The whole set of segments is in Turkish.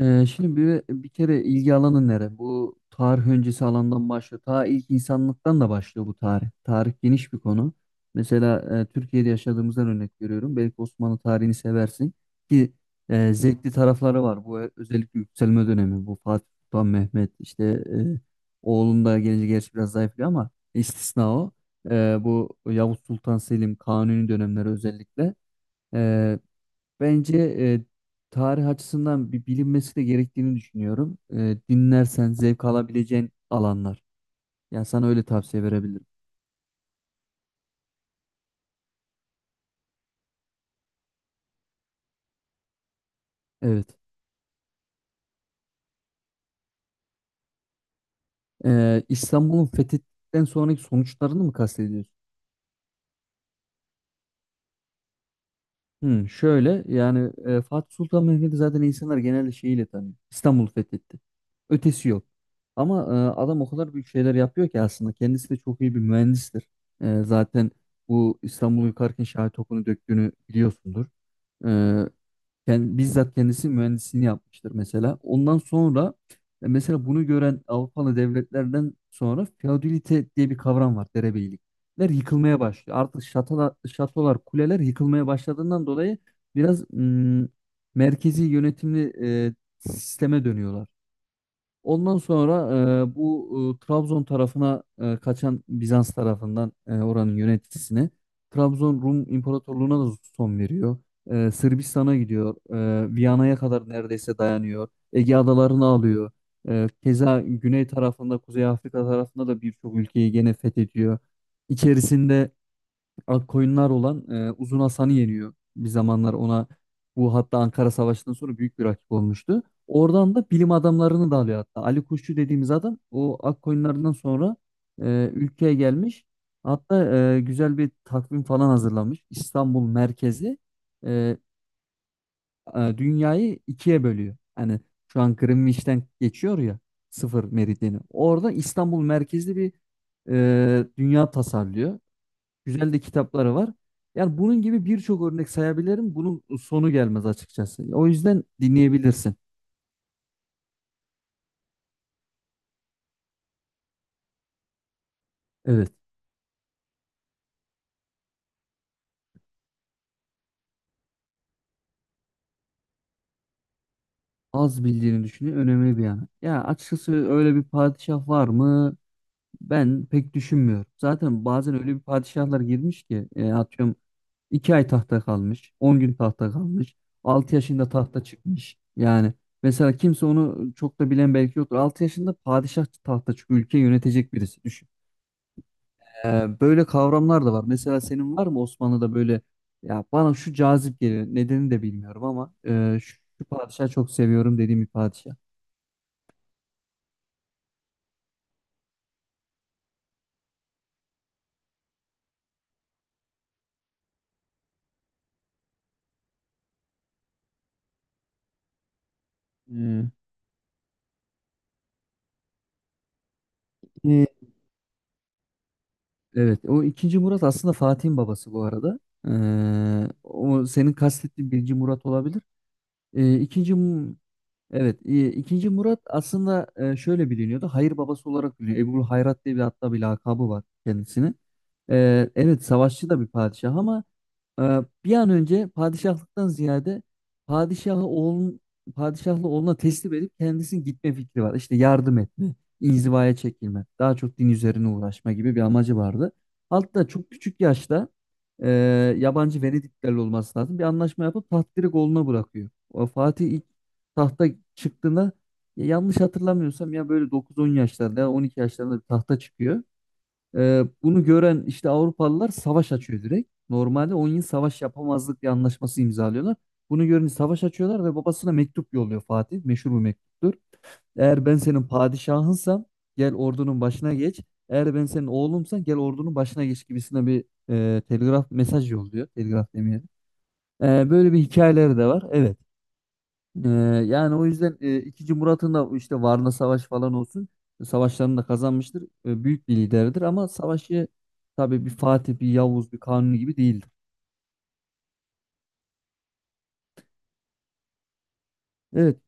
Şimdi bir kere ilgi alanı nere? Bu tarih öncesi alandan başlıyor. Ta ilk insanlıktan da başlıyor bu tarih. Tarih geniş bir konu. Mesela Türkiye'de yaşadığımızdan örnek veriyorum. Belki Osmanlı tarihini seversin ki zevkli tarafları var. Bu özellikle yükselme dönemi. Bu Fatih Sultan Mehmet işte oğlun da gelince gerçi biraz zayıflıyor ama istisna o. Bu Yavuz Sultan Selim Kanuni dönemleri özellikle. Bence tarih açısından bir bilinmesi de gerektiğini düşünüyorum. Dinlersen zevk alabileceğin alanlar. Yani sana öyle tavsiye verebilirim. Evet. İstanbul'un fethinden sonraki sonuçlarını mı kastediyorsun? Şöyle yani Fatih Sultan Mehmet'i zaten insanlar genelde şeyiyle tanıyor. İstanbul fethetti. Ötesi yok. Ama adam o kadar büyük şeyler yapıyor ki aslında kendisi de çok iyi bir mühendistir. Zaten bu İstanbul'u yıkarken Şahit Okunu döktüğünü biliyorsundur. E, bizzat kendisi mühendisliğini yapmıştır mesela. Ondan sonra mesela bunu gören Avrupalı devletlerden sonra feodalite diye bir kavram var, derebeylikler yıkılmaya başlıyor. Artık şatolar, şatolar, kuleler yıkılmaya başladığından dolayı biraz merkezi yönetimli e, sisteme dönüyorlar. Ondan sonra bu Trabzon tarafına kaçan Bizans tarafından oranın yöneticisine Trabzon Rum İmparatorluğu'na da son veriyor. Sırbistan'a gidiyor. Viyana'ya kadar neredeyse dayanıyor. Ege adalarını alıyor. Keza güney tarafında, Kuzey Afrika tarafında da birçok ülkeyi gene fethediyor. İçerisinde ak koyunlar olan Uzun Hasan'ı yeniyor. Bir zamanlar ona bu, hatta Ankara Savaşı'ndan sonra büyük bir rakip olmuştu. Oradan da bilim adamlarını da alıyor hatta. Ali Kuşçu dediğimiz adam o ak koyunlarından sonra ülkeye gelmiş. Hatta güzel bir takvim falan hazırlamış. İstanbul merkezi e, dünyayı ikiye bölüyor. Hani şu an Greenwich'ten geçiyor ya sıfır meridyeni. Orada İstanbul merkezli bir dünya tasarlıyor. Güzel de kitapları var. Yani bunun gibi birçok örnek sayabilirim. Bunun sonu gelmez açıkçası. O yüzden dinleyebilirsin. Evet. Az bildiğini düşünüyor. Önemli bir yana. Ya açıkçası öyle bir padişah var mı? Ben pek düşünmüyorum. Zaten bazen öyle bir padişahlar girmiş ki atıyorum 2 ay tahta kalmış, 10 gün tahta kalmış, 6 yaşında tahta çıkmış. Yani mesela kimse onu çok da bilen belki yoktur. 6 yaşında padişah tahta çıkıyor. Ülke yönetecek birisi. Böyle kavramlar da var. Mesela senin var mı Osmanlı'da böyle, ya bana şu cazip geliyor. Nedenini de bilmiyorum ama şu padişahı çok seviyorum dediğim bir padişah. Hmm. Ee, Evet, o ikinci Murat aslında Fatih'in babası bu arada. O senin kastettiğin birinci Murat olabilir. İkinci Evet, e, ikinci Murat aslında şöyle biliniyordu. Hayır babası olarak biliniyor. Ebul Hayrat diye hatta bir lakabı var kendisine. Evet, savaşçı da bir padişah ama e, bir an önce padişahlıktan ziyade padişahı oğlun padişahlı oğluna teslim edip kendisinin gitme fikri var. İşte yardım etme, inzivaya çekilme, daha çok din üzerine uğraşma gibi bir amacı vardı. Hatta çok küçük yaşta e, yabancı Venediklerle olması lazım. Bir anlaşma yapıp taht direkt oğluna bırakıyor. O Fatih tahta çıktığında ya yanlış hatırlamıyorsam ya böyle 9-10 yaşlarında ya 12 yaşlarında bir tahta çıkıyor. Bunu gören işte Avrupalılar savaş açıyor direkt. Normalde 10 yıl savaş yapamazlık bir anlaşması imzalıyorlar. Bunu görünce savaş açıyorlar ve babasına mektup yolluyor Fatih. Meşhur bir mektuptur. Eğer ben senin padişahınsam gel ordunun başına geç. Eğer ben senin oğlumsan gel ordunun başına geç gibisine bir telgraf mesaj yolluyor. Telgraf demeyelim. Böyle bir hikayeleri de var. Evet. Ee, yani o yüzden ikinci Murat'ın da işte Varna Savaşı falan olsun savaşlarını da kazanmıştır. Büyük bir liderdir ama savaşı tabii bir Fatih, bir Yavuz, bir Kanuni gibi değildir. Evet,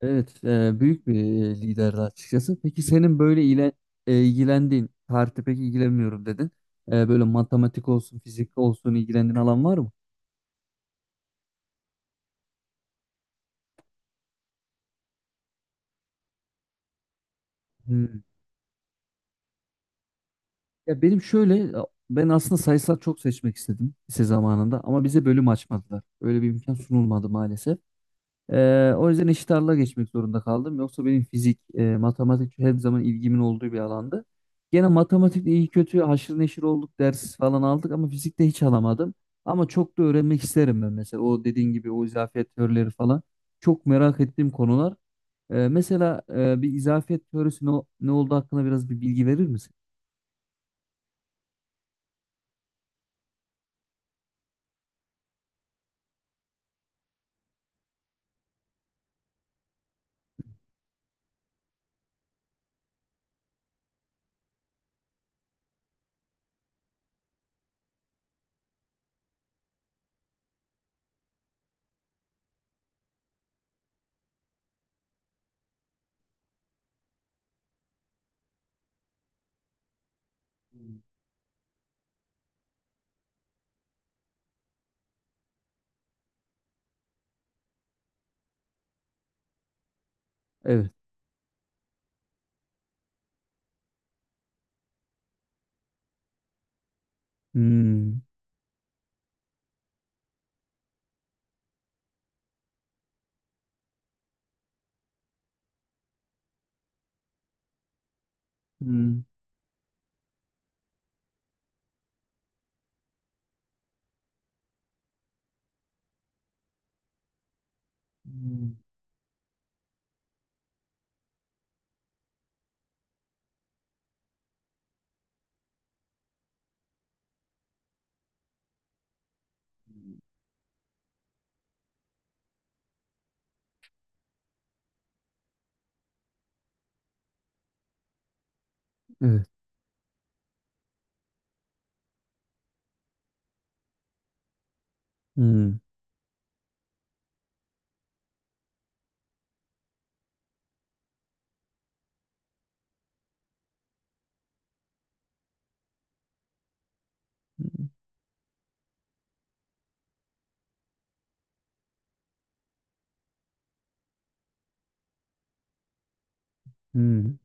evet büyük bir liderdi açıkçası. Peki senin böyle ilgilendiğin, tarihte pek ilgilenmiyorum dedin. Böyle matematik olsun, fizik olsun ilgilendiğin alan var mı? Hmm. Ya benim şöyle ben aslında sayısal çok seçmek istedim lise zamanında ama bize bölüm açmadılar. Öyle bir imkan sunulmadı maalesef. O yüzden eşit ağırlığa geçmek zorunda kaldım. Yoksa benim fizik, matematik her zaman ilgimin olduğu bir alandı. Gene matematikte iyi kötü haşır neşir olduk, ders falan aldık ama fizikte hiç alamadım. Ama çok da öğrenmek isterim ben mesela. O dediğin gibi o izafiyet teorileri falan. Çok merak ettiğim konular. Mesela bir izafiyet teorisi ne olduğu hakkında biraz bir bilgi verir misin? Evet. Hmm. Hmm. Hmm. Evet. Hmm. Hmm.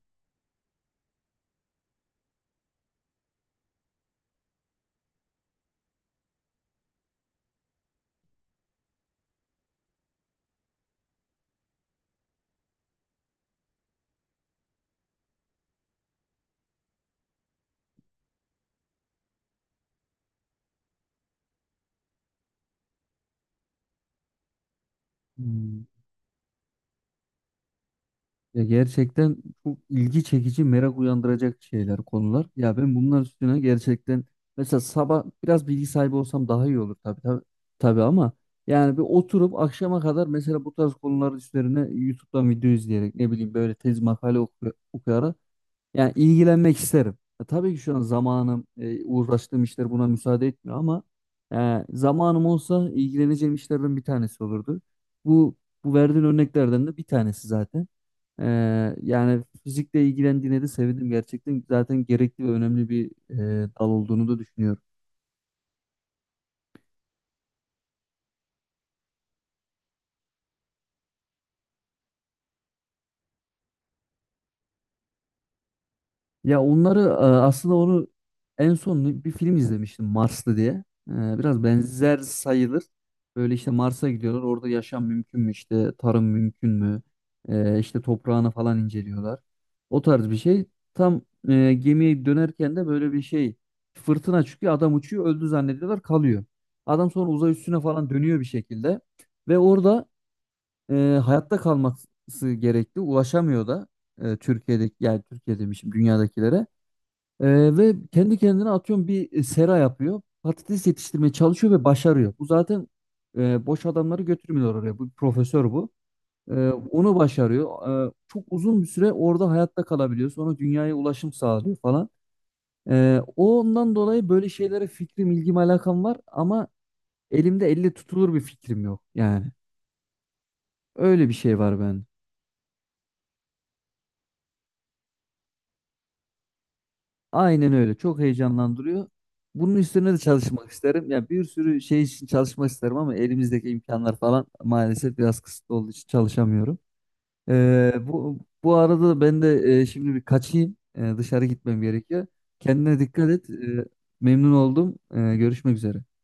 Hmm. Ya gerçekten çok ilgi çekici, merak uyandıracak şeyler, konular. Ya ben bunlar üstüne gerçekten mesela sabah biraz bilgi sahibi olsam daha iyi olur, tabii tabii, tabii ama yani bir oturup akşama kadar mesela bu tarz konular üzerine YouTube'dan video izleyerek ne bileyim böyle tez makale okuyarak yani ilgilenmek isterim. Ya tabii ki şu an zamanım, uğraştığım işler buna müsaade etmiyor ama zamanım olsa ilgileneceğim işlerden bir tanesi olurdu. Bu bu verdiğin örneklerden de bir tanesi zaten. Yani fizikle ilgilendiğine de sevindim gerçekten. Zaten gerekli ve önemli bir dal olduğunu da düşünüyorum. Ya onları aslında onu en son bir film izlemiştim Marslı diye. E, Biraz benzer sayılır. Böyle işte Mars'a gidiyorlar. Orada yaşam mümkün mü, işte tarım mümkün mü? İşte toprağını falan inceliyorlar. O tarz bir şey. Tam gemiye dönerken de böyle bir şey, fırtına çıkıyor. Adam uçuyor, öldü zannediyorlar kalıyor. Adam sonra uzay üstüne falan dönüyor bir şekilde. Ve orada e, hayatta kalması gerekli. Ulaşamıyor da Türkiye'deki, yani Türkiye demişim, dünyadakilere. Ve kendi kendine atıyorum bir sera yapıyor. Patates yetiştirmeye çalışıyor ve başarıyor. Bu zaten boş adamları götürmüyor oraya. Bu bir profesör bu. Onu başarıyor. Çok uzun bir süre orada hayatta kalabiliyor. Sonra dünyaya ulaşım sağlıyor falan. Ondan dolayı böyle şeylere fikrim, ilgim, alakam var ama elimde elle tutulur bir fikrim yok. Yani öyle bir şey var bende. Aynen öyle. Çok heyecanlandırıyor. Bunun üstüne de çalışmak isterim. Ya bir sürü şey için çalışmak isterim ama elimizdeki imkanlar falan maalesef biraz kısıtlı olduğu için çalışamıyorum. Bu arada da ben de şimdi bir kaçayım. Dışarı gitmem gerekiyor. Kendine dikkat et. Memnun oldum. Görüşmek üzere.